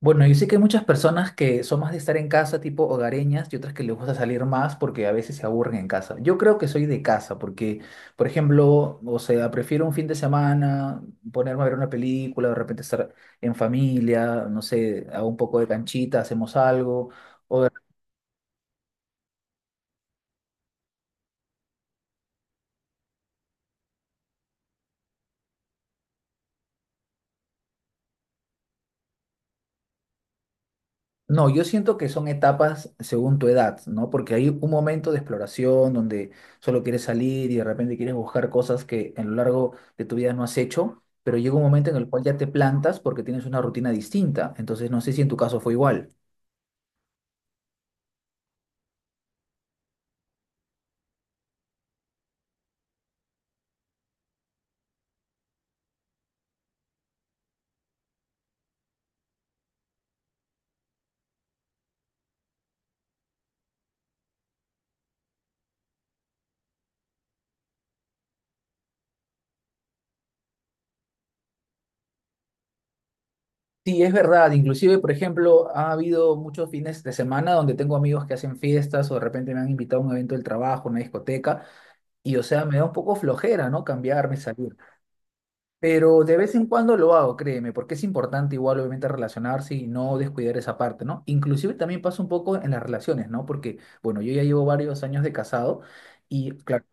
Bueno, yo sé que hay muchas personas que son más de estar en casa, tipo hogareñas, y otras que les gusta salir más porque a veces se aburren en casa. Yo creo que soy de casa porque, por ejemplo, o sea, prefiero un fin de semana ponerme a ver una película, de repente estar en familia, no sé, hago un poco de canchita, hacemos algo. No, yo siento que son etapas según tu edad, ¿no? Porque hay un momento de exploración donde solo quieres salir y de repente quieres buscar cosas que en lo largo de tu vida no has hecho, pero llega un momento en el cual ya te plantas porque tienes una rutina distinta. Entonces, no sé si en tu caso fue igual. Sí, es verdad. Inclusive, por ejemplo, ha habido muchos fines de semana donde tengo amigos que hacen fiestas o de repente me han invitado a un evento del trabajo, una discoteca, y o sea, me da un poco flojera, ¿no? Cambiarme, salir. Pero de vez en cuando lo hago, créeme, porque es importante igual obviamente relacionarse y no descuidar esa parte, ¿no? Inclusive también pasa un poco en las relaciones, ¿no? Porque, bueno, yo ya llevo varios años de casado y, claro,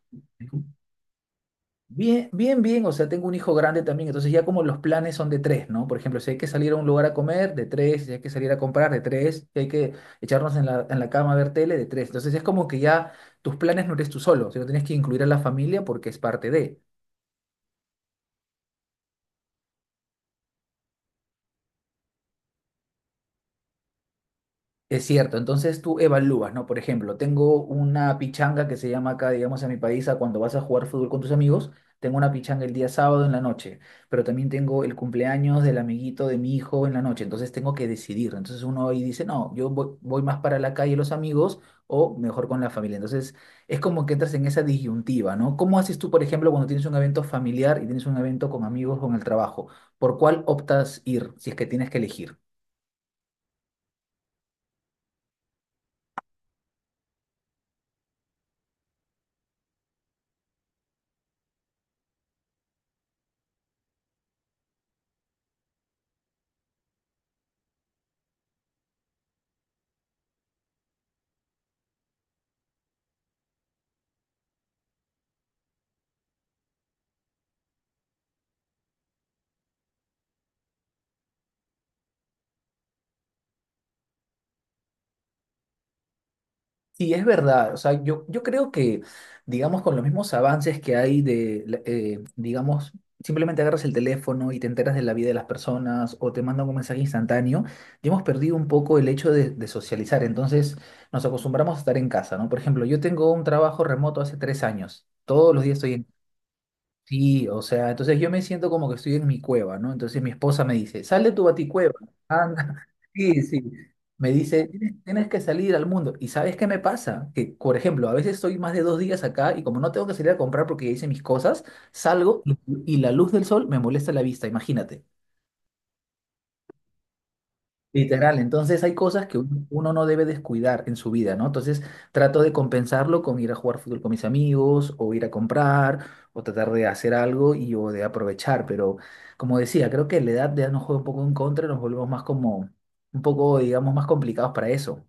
bien, bien, bien, o sea, tengo un hijo grande también, entonces ya como los planes son de tres, ¿no? Por ejemplo, si hay que salir a un lugar a comer, de tres, si hay que salir a comprar, de tres, si hay que echarnos en la cama a ver tele, de tres. Entonces es como que ya tus planes no eres tú solo, sino tienes que incluir a la familia porque es parte de. Es cierto, entonces tú evalúas, ¿no? Por ejemplo, tengo una pichanga que se llama acá, digamos, en mi país, a cuando vas a jugar fútbol con tus amigos, tengo una pichanga el día sábado en la noche, pero también tengo el cumpleaños del amiguito de mi hijo en la noche, entonces tengo que decidir. Entonces uno ahí dice, no, yo voy, voy más para la calle los amigos o mejor con la familia. Entonces es como que entras en esa disyuntiva, ¿no? ¿Cómo haces tú, por ejemplo, cuando tienes un evento familiar y tienes un evento con amigos, con el trabajo? ¿Por cuál optas ir si es que tienes que elegir? Sí, es verdad. O sea, yo creo que, digamos, con los mismos avances que hay de, digamos, simplemente agarras el teléfono y te enteras de la vida de las personas o te mandan un mensaje instantáneo, ya hemos perdido un poco el hecho de socializar. Entonces, nos acostumbramos a estar en casa, ¿no? Por ejemplo, yo tengo un trabajo remoto hace tres años. Todos los días estoy. Sí, o sea, entonces yo me siento como que estoy en mi cueva, ¿no? Entonces mi esposa me dice, sal de tu baticueva, anda. Sí, sí. Me dice, tienes que salir al mundo. ¿Y sabes qué me pasa? Que, por ejemplo, a veces estoy más de dos días acá y como no tengo que salir a comprar porque ya hice mis cosas, salgo y la luz del sol me molesta la vista, imagínate. Literal, entonces hay cosas que uno no debe descuidar en su vida, ¿no? Entonces trato de compensarlo con ir a jugar fútbol con mis amigos o ir a comprar o tratar de hacer algo y o de aprovechar, pero como decía, creo que la edad ya nos juega un poco en contra, nos volvemos más como un poco, digamos, más complicados para eso.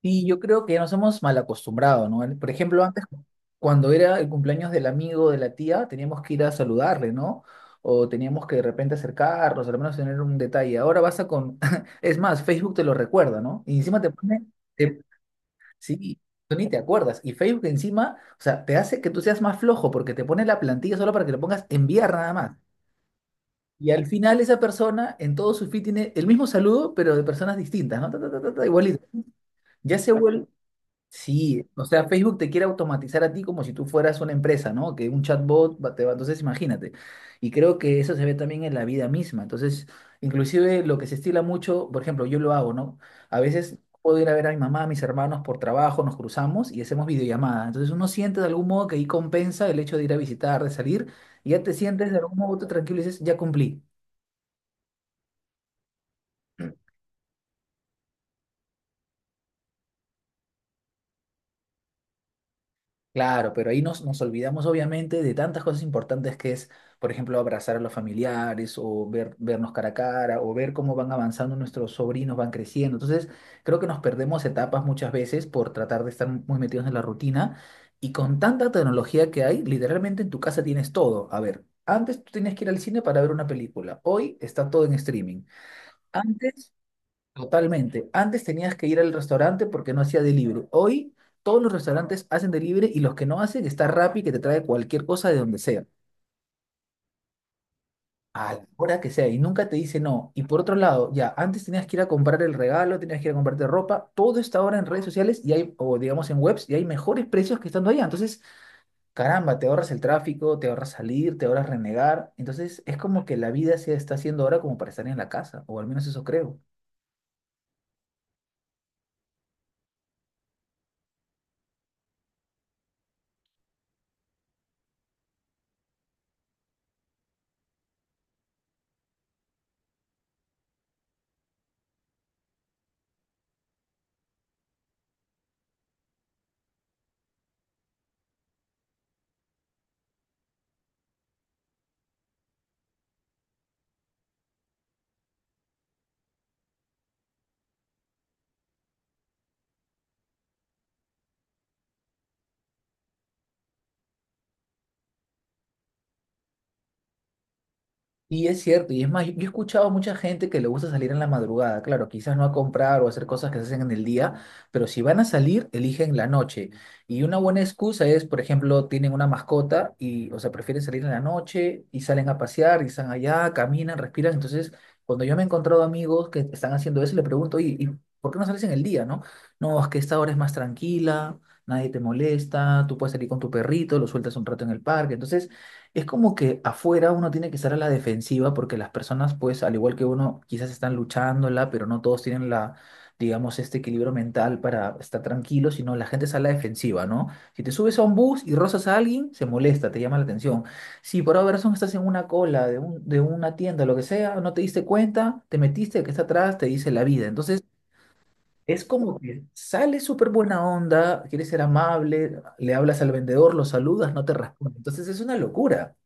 Y yo creo que nos hemos mal acostumbrado, ¿no? Por ejemplo, antes, cuando era el cumpleaños del amigo de la tía, teníamos que ir a saludarle, ¿no? O teníamos que de repente acercarnos, al menos tener un detalle. Ahora vas a con... Es más, Facebook te lo recuerda, ¿no? Y encima te pone... te- Sí, tú ni te acuerdas. Y Facebook encima, o sea, te hace que tú seas más flojo porque te pone la plantilla solo para que le pongas enviar nada más. Y al final esa persona en todo su feed tiene el mismo saludo, pero de personas distintas, ¿no? Ta, ta, ta, ta, ta, igualito. Ya se vuelve... Sí, o sea, Facebook te quiere automatizar a ti como si tú fueras una empresa, ¿no? Que un chatbot te va, entonces imagínate. Y creo que eso se ve también en la vida misma. Entonces, inclusive lo que se estila mucho, por ejemplo, yo lo hago, ¿no? A veces puedo ir a ver a mi mamá, a mis hermanos por trabajo, nos cruzamos y hacemos videollamada. Entonces uno siente de algún modo que ahí compensa el hecho de ir a visitar, de salir, y ya te sientes de algún modo tú tranquilo y dices, ya cumplí. Claro, pero ahí nos olvidamos obviamente de tantas cosas importantes que es, por ejemplo, abrazar a los familiares o ver, vernos cara a cara o ver cómo van avanzando nuestros sobrinos, van creciendo. Entonces, creo que nos perdemos etapas muchas veces por tratar de estar muy metidos en la rutina y con tanta tecnología que hay, literalmente en tu casa tienes todo. A ver, antes tú tenías que ir al cine para ver una película, hoy está todo en streaming. Antes... Totalmente. Antes tenías que ir al restaurante porque no hacía delivery. Hoy todos los restaurantes hacen delivery y los que no hacen está Rappi que te trae cualquier cosa de donde sea, a la hora que sea y nunca te dice no. Y por otro lado, ya antes tenías que ir a comprar el regalo, tenías que ir a comprarte ropa, todo está ahora en redes sociales y hay, o digamos en webs, y hay mejores precios que estando allá. Entonces, caramba, te ahorras el tráfico, te ahorras salir, te ahorras renegar. Entonces, es como que la vida se está haciendo ahora como para estar en la casa, o al menos eso creo. Y es cierto, y es más, yo he escuchado a mucha gente que le gusta salir en la madrugada, claro, quizás no a comprar o a hacer cosas que se hacen en el día, pero si van a salir, eligen la noche. Y una buena excusa es, por ejemplo, tienen una mascota y, o sea, prefieren salir en la noche y salen a pasear y están allá, caminan, respiran. Entonces, cuando yo me he encontrado amigos que están haciendo eso, le pregunto, oye, ¿y por qué no sales en el día, no? No, es que esta hora es más tranquila, nadie te molesta, tú puedes salir con tu perrito, lo sueltas un rato en el parque. Entonces... Es como que afuera uno tiene que estar a la defensiva porque las personas, pues, al igual que uno, quizás están luchándola, pero no todos tienen la, digamos, este equilibrio mental para estar tranquilos, sino la gente está a la defensiva, ¿no? Si te subes a un bus y rozas a alguien, se molesta, te llama la atención. Si por alguna razón estás en una cola de, de una tienda, lo que sea, no te diste cuenta, te metiste, el que está atrás te dice la vida. Entonces, es como que sale súper buena onda, quieres ser amable, le hablas al vendedor, lo saludas, no te responde. Entonces, es una locura.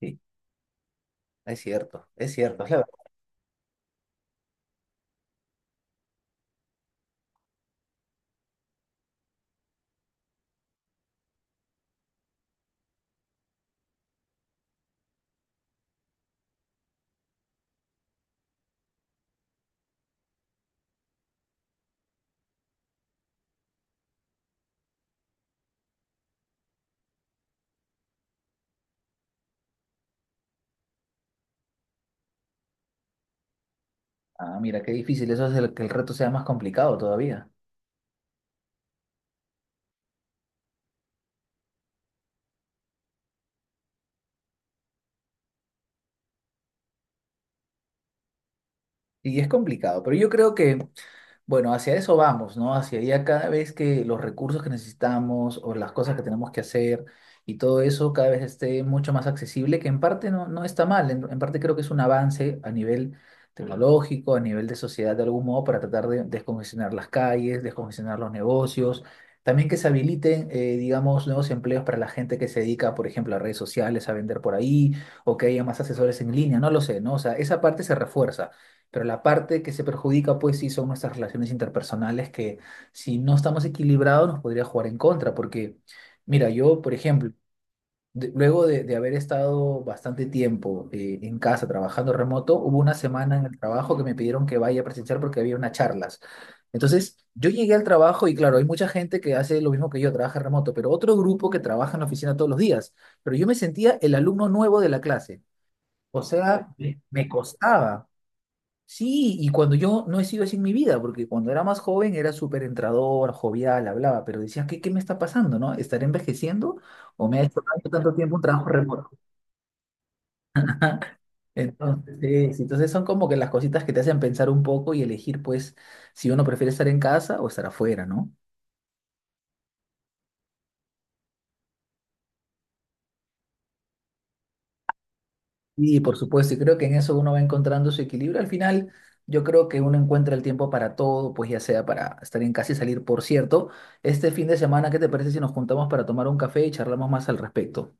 Sí, es cierto, es cierto, es la verdad. Ah, mira, qué difícil, eso hace que el reto sea más complicado todavía. Y es complicado, pero yo creo que bueno, hacia eso vamos, ¿no? Hacia allá cada vez que los recursos que necesitamos o las cosas que tenemos que hacer y todo eso cada vez esté mucho más accesible, que en parte no, no está mal, en parte creo que es un avance a nivel tecnológico, a nivel de sociedad de algún modo, para tratar de descongestionar las calles, descongestionar los negocios, también que se habiliten, digamos, nuevos empleos para la gente que se dedica, por ejemplo, a redes sociales, a vender por ahí, o que haya más asesores en línea, no lo sé, ¿no? O sea, esa parte se refuerza. Pero la parte que se perjudica, pues sí, son nuestras relaciones interpersonales que si no estamos equilibrados nos podría jugar en contra. Porque, mira, yo, por ejemplo, luego de haber estado bastante tiempo en casa trabajando remoto, hubo una semana en el trabajo que me pidieron que vaya a presenciar porque había unas charlas. Entonces, yo llegué al trabajo y claro, hay mucha gente que hace lo mismo que yo, trabaja remoto, pero otro grupo que trabaja en la oficina todos los días. Pero yo me sentía el alumno nuevo de la clase. O sea, me costaba. Sí, y cuando yo no he sido así en mi vida, porque cuando era más joven era súper entrador, jovial, hablaba, pero decía, ¿qué, qué me está pasando, no? ¿Estaré envejeciendo o me ha hecho tanto, tanto tiempo un trabajo remoto? Entonces, sí, sí, entonces son como que las cositas que te hacen pensar un poco y elegir, pues, si uno prefiere estar en casa o estar afuera, ¿no? Y por supuesto, y creo que en eso uno va encontrando su equilibrio. Al final, yo creo que uno encuentra el tiempo para todo, pues ya sea para estar en casa y salir. Por cierto, este fin de semana, ¿qué te parece si nos juntamos para tomar un café y charlamos más al respecto?